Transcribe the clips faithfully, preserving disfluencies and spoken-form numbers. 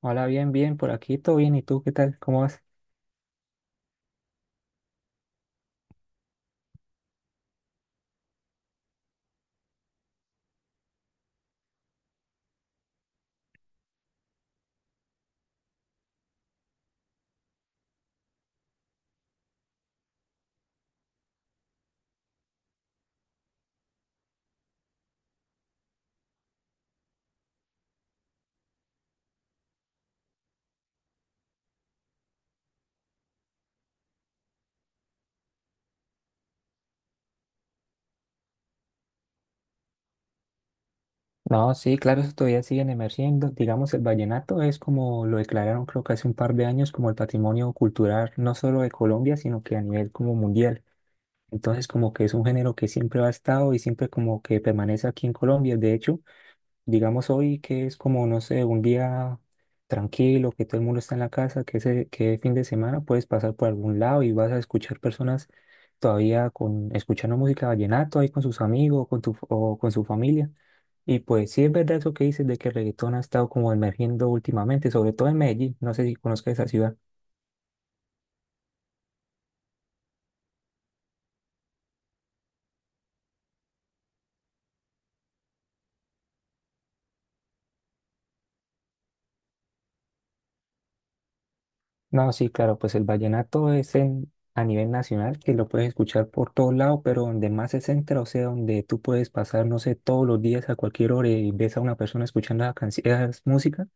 Hola, bien, bien, por aquí todo bien. ¿Y tú qué tal? ¿Cómo vas? No, sí, claro, eso todavía siguen emergiendo. Digamos, el vallenato es como lo declararon, creo que hace un par de años, como el patrimonio cultural no solo de Colombia, sino que a nivel como mundial. Entonces, como que es un género que siempre ha estado y siempre como que permanece aquí en Colombia. De hecho, digamos hoy que es como, no sé, un día tranquilo, que todo el mundo está en la casa, que ese, que fin de semana puedes pasar por algún lado y vas a escuchar personas todavía con, escuchando música vallenato ahí con sus amigos con tu, o con su familia. Y pues sí es verdad eso que dices de que el reggaetón ha estado como emergiendo últimamente, sobre todo en Medellín. No sé si conozcas esa ciudad. No, sí, claro, pues el vallenato es en- a nivel nacional, que lo puedes escuchar por todos lados, pero donde más se centra, o sea, donde tú puedes pasar, no sé, todos los días a cualquier hora y ves a una persona escuchando la canci- esas música,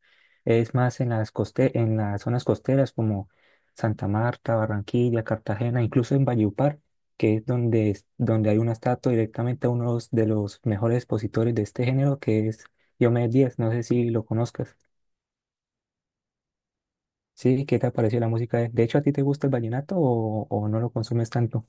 es más en las coste- en las zonas costeras como Santa Marta, Barranquilla, Cartagena, incluso en Valledupar, que es donde, es- donde hay una estatua directamente a uno de los mejores expositores de este género, que es Diomedes Díaz, no sé si lo conozcas. Sí, ¿qué te ha parecido la música? De de hecho, ¿a ti te gusta el vallenato o, o no lo consumes tanto?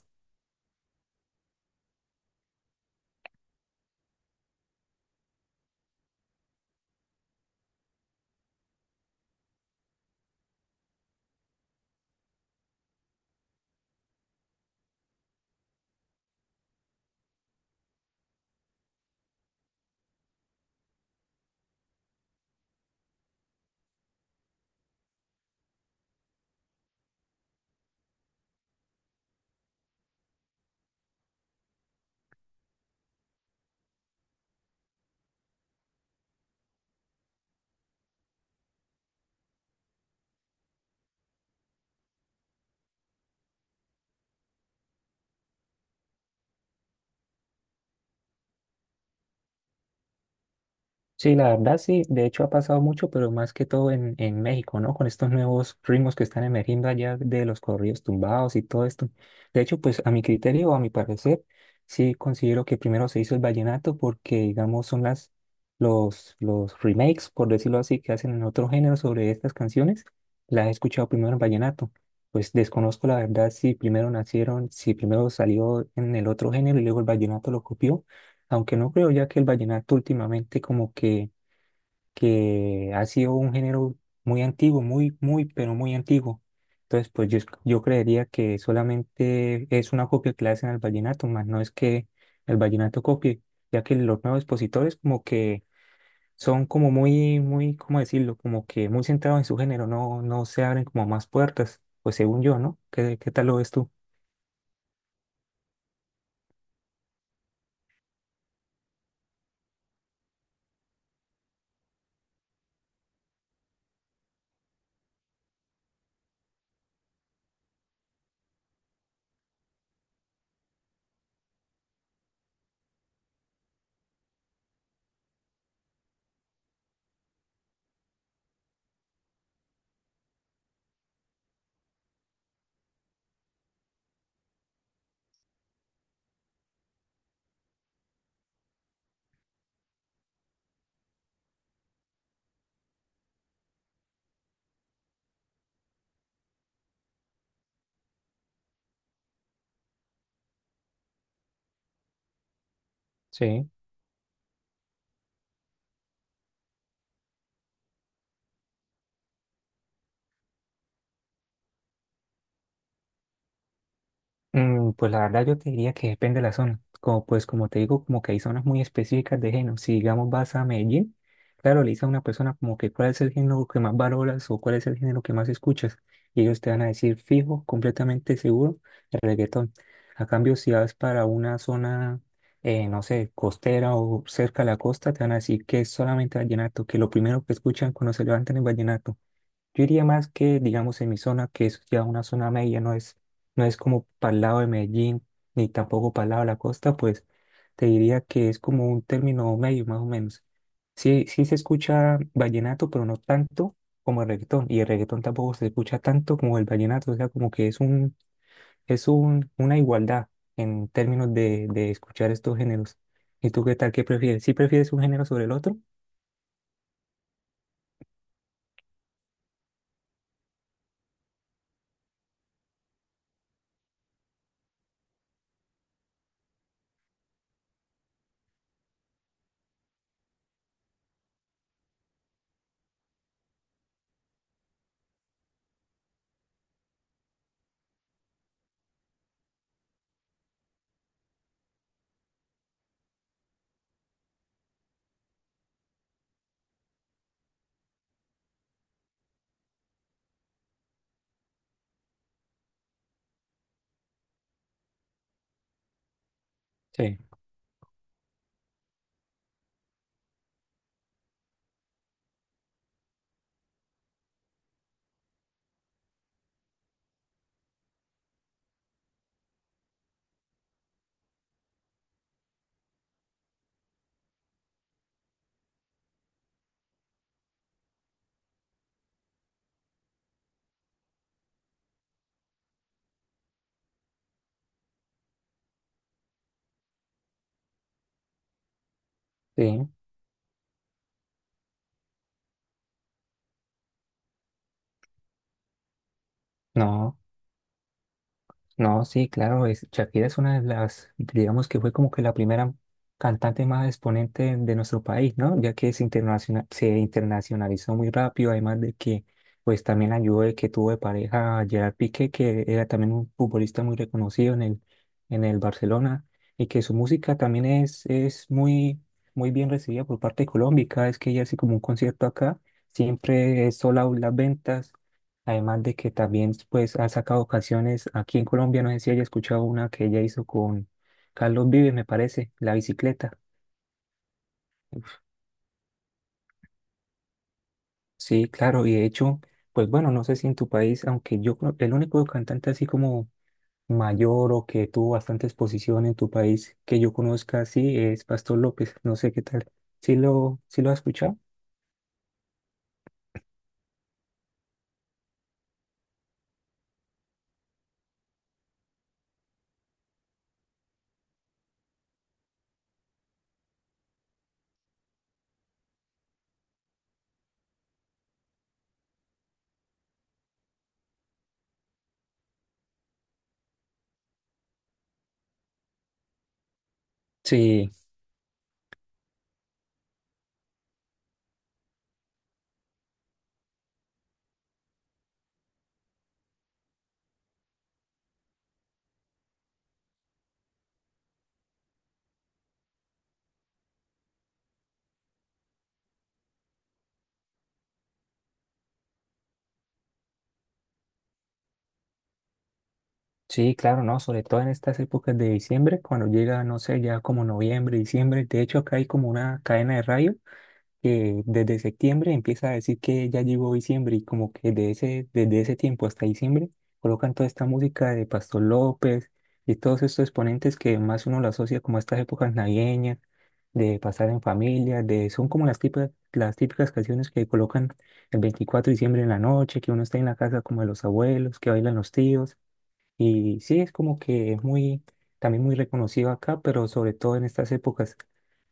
Sí, la verdad sí, de hecho ha pasado mucho, pero más que todo en, en México, ¿no? Con estos nuevos ritmos que están emergiendo allá de los corridos tumbados y todo esto. De hecho, pues a mi criterio o a mi parecer, sí considero que primero se hizo el vallenato porque, digamos, son las, los, los remakes, por decirlo así, que hacen en otro género sobre estas canciones. Las he escuchado primero en vallenato. Pues desconozco la verdad si primero nacieron, si primero salió en el otro género y luego el vallenato lo copió, aunque no creo, ya que el vallenato últimamente como que, que ha sido un género muy antiguo, muy, muy, pero muy antiguo. Entonces, pues yo, yo creería que solamente es una copia que le hacen al vallenato, más no es que el vallenato copie, ya que los nuevos expositores como que son como muy, muy, ¿cómo decirlo? Como que muy centrados en su género, no, no se abren como más puertas, pues según yo, ¿no? ¿Qué, qué tal lo ves tú? Sí. Mm, Pues la verdad yo te diría que depende de la zona. Como pues como te digo, como que hay zonas muy específicas de género. Si digamos vas a Medellín, claro, le dices a una persona como que cuál es el género que más valoras o cuál es el género que más escuchas. Y ellos te van a decir fijo, completamente seguro, el reggaetón. A cambio, si vas para una zona, eh, no sé, costera o cerca de la costa, te van a decir que es solamente vallenato, que lo primero que escuchan cuando se levantan es vallenato. Yo diría más que, digamos, en mi zona, que es ya una zona media, no es, no es como para el lado de Medellín, ni tampoco para el lado de la costa, pues te diría que es como un término medio, más o menos. Sí, sí se escucha vallenato, pero no tanto como el reggaetón, y el reggaetón tampoco se escucha tanto como el vallenato, o sea, como que es un, es un, una igualdad en términos de, de escuchar estos géneros. ¿Y tú qué tal? ¿Qué prefieres? ¿Sí prefieres un género sobre el otro? Sí. Sí, no. No, sí, claro, es- Shakira es una de las, digamos que fue como que la primera cantante más exponente de nuestro país, ¿no? Ya que se internaciona- se internacionalizó muy rápido, además de que pues también ayudó de que tuvo de pareja a Gerard Piqué, que era también un futbolista muy reconocido en el, en el Barcelona, y que su música también es, es muy, muy bien recibida por parte de Colombia, y cada vez que ella hace como un concierto acá, siempre es sold out las ventas. Además de que también pues ha sacado canciones aquí en Colombia, no sé si haya escuchado una que ella hizo con Carlos Vives, me parece, La bicicleta. Uf, sí, claro, y de hecho, pues bueno, no sé si en tu país, aunque yo creo que el único cantante así como mayor o que tuvo bastante exposición en tu país que yo conozca así es Pastor López, no sé qué tal. ¿Sí lo, sí lo has escuchado? Sí, sí, claro, no, sobre todo en estas épocas de diciembre, cuando llega, no sé, ya como noviembre, diciembre, de hecho acá hay como una cadena de radio que desde septiembre empieza a decir que ya llegó diciembre y como que de ese, desde ese tiempo hasta diciembre colocan toda esta música de Pastor López y todos estos exponentes que más uno lo asocia como a estas épocas navideñas, de pasar en familia, de, son como las típicas, las típicas canciones que colocan el veinticuatro de diciembre en la noche, que uno está en la casa como de los abuelos, que bailan los tíos y sí, es como que es muy, también muy reconocido acá, pero sobre todo en estas épocas.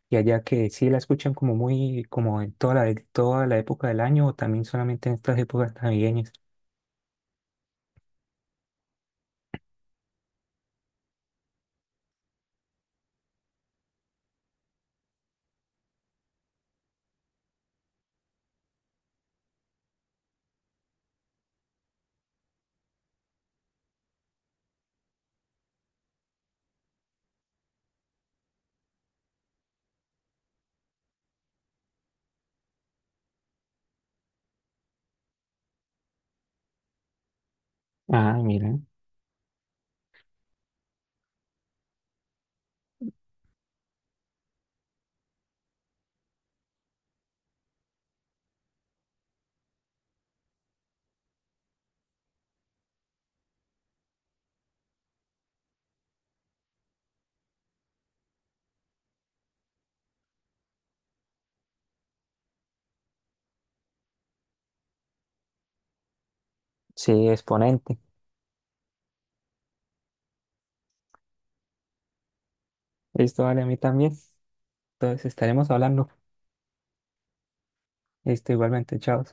Y allá, que sí la escuchan como muy, como en toda la, toda la época del año o también solamente en estas épocas navideñas? Ah, mira. Sí, exponente. Listo, vale, a mí también. Entonces estaremos hablando. Listo, igualmente, chao.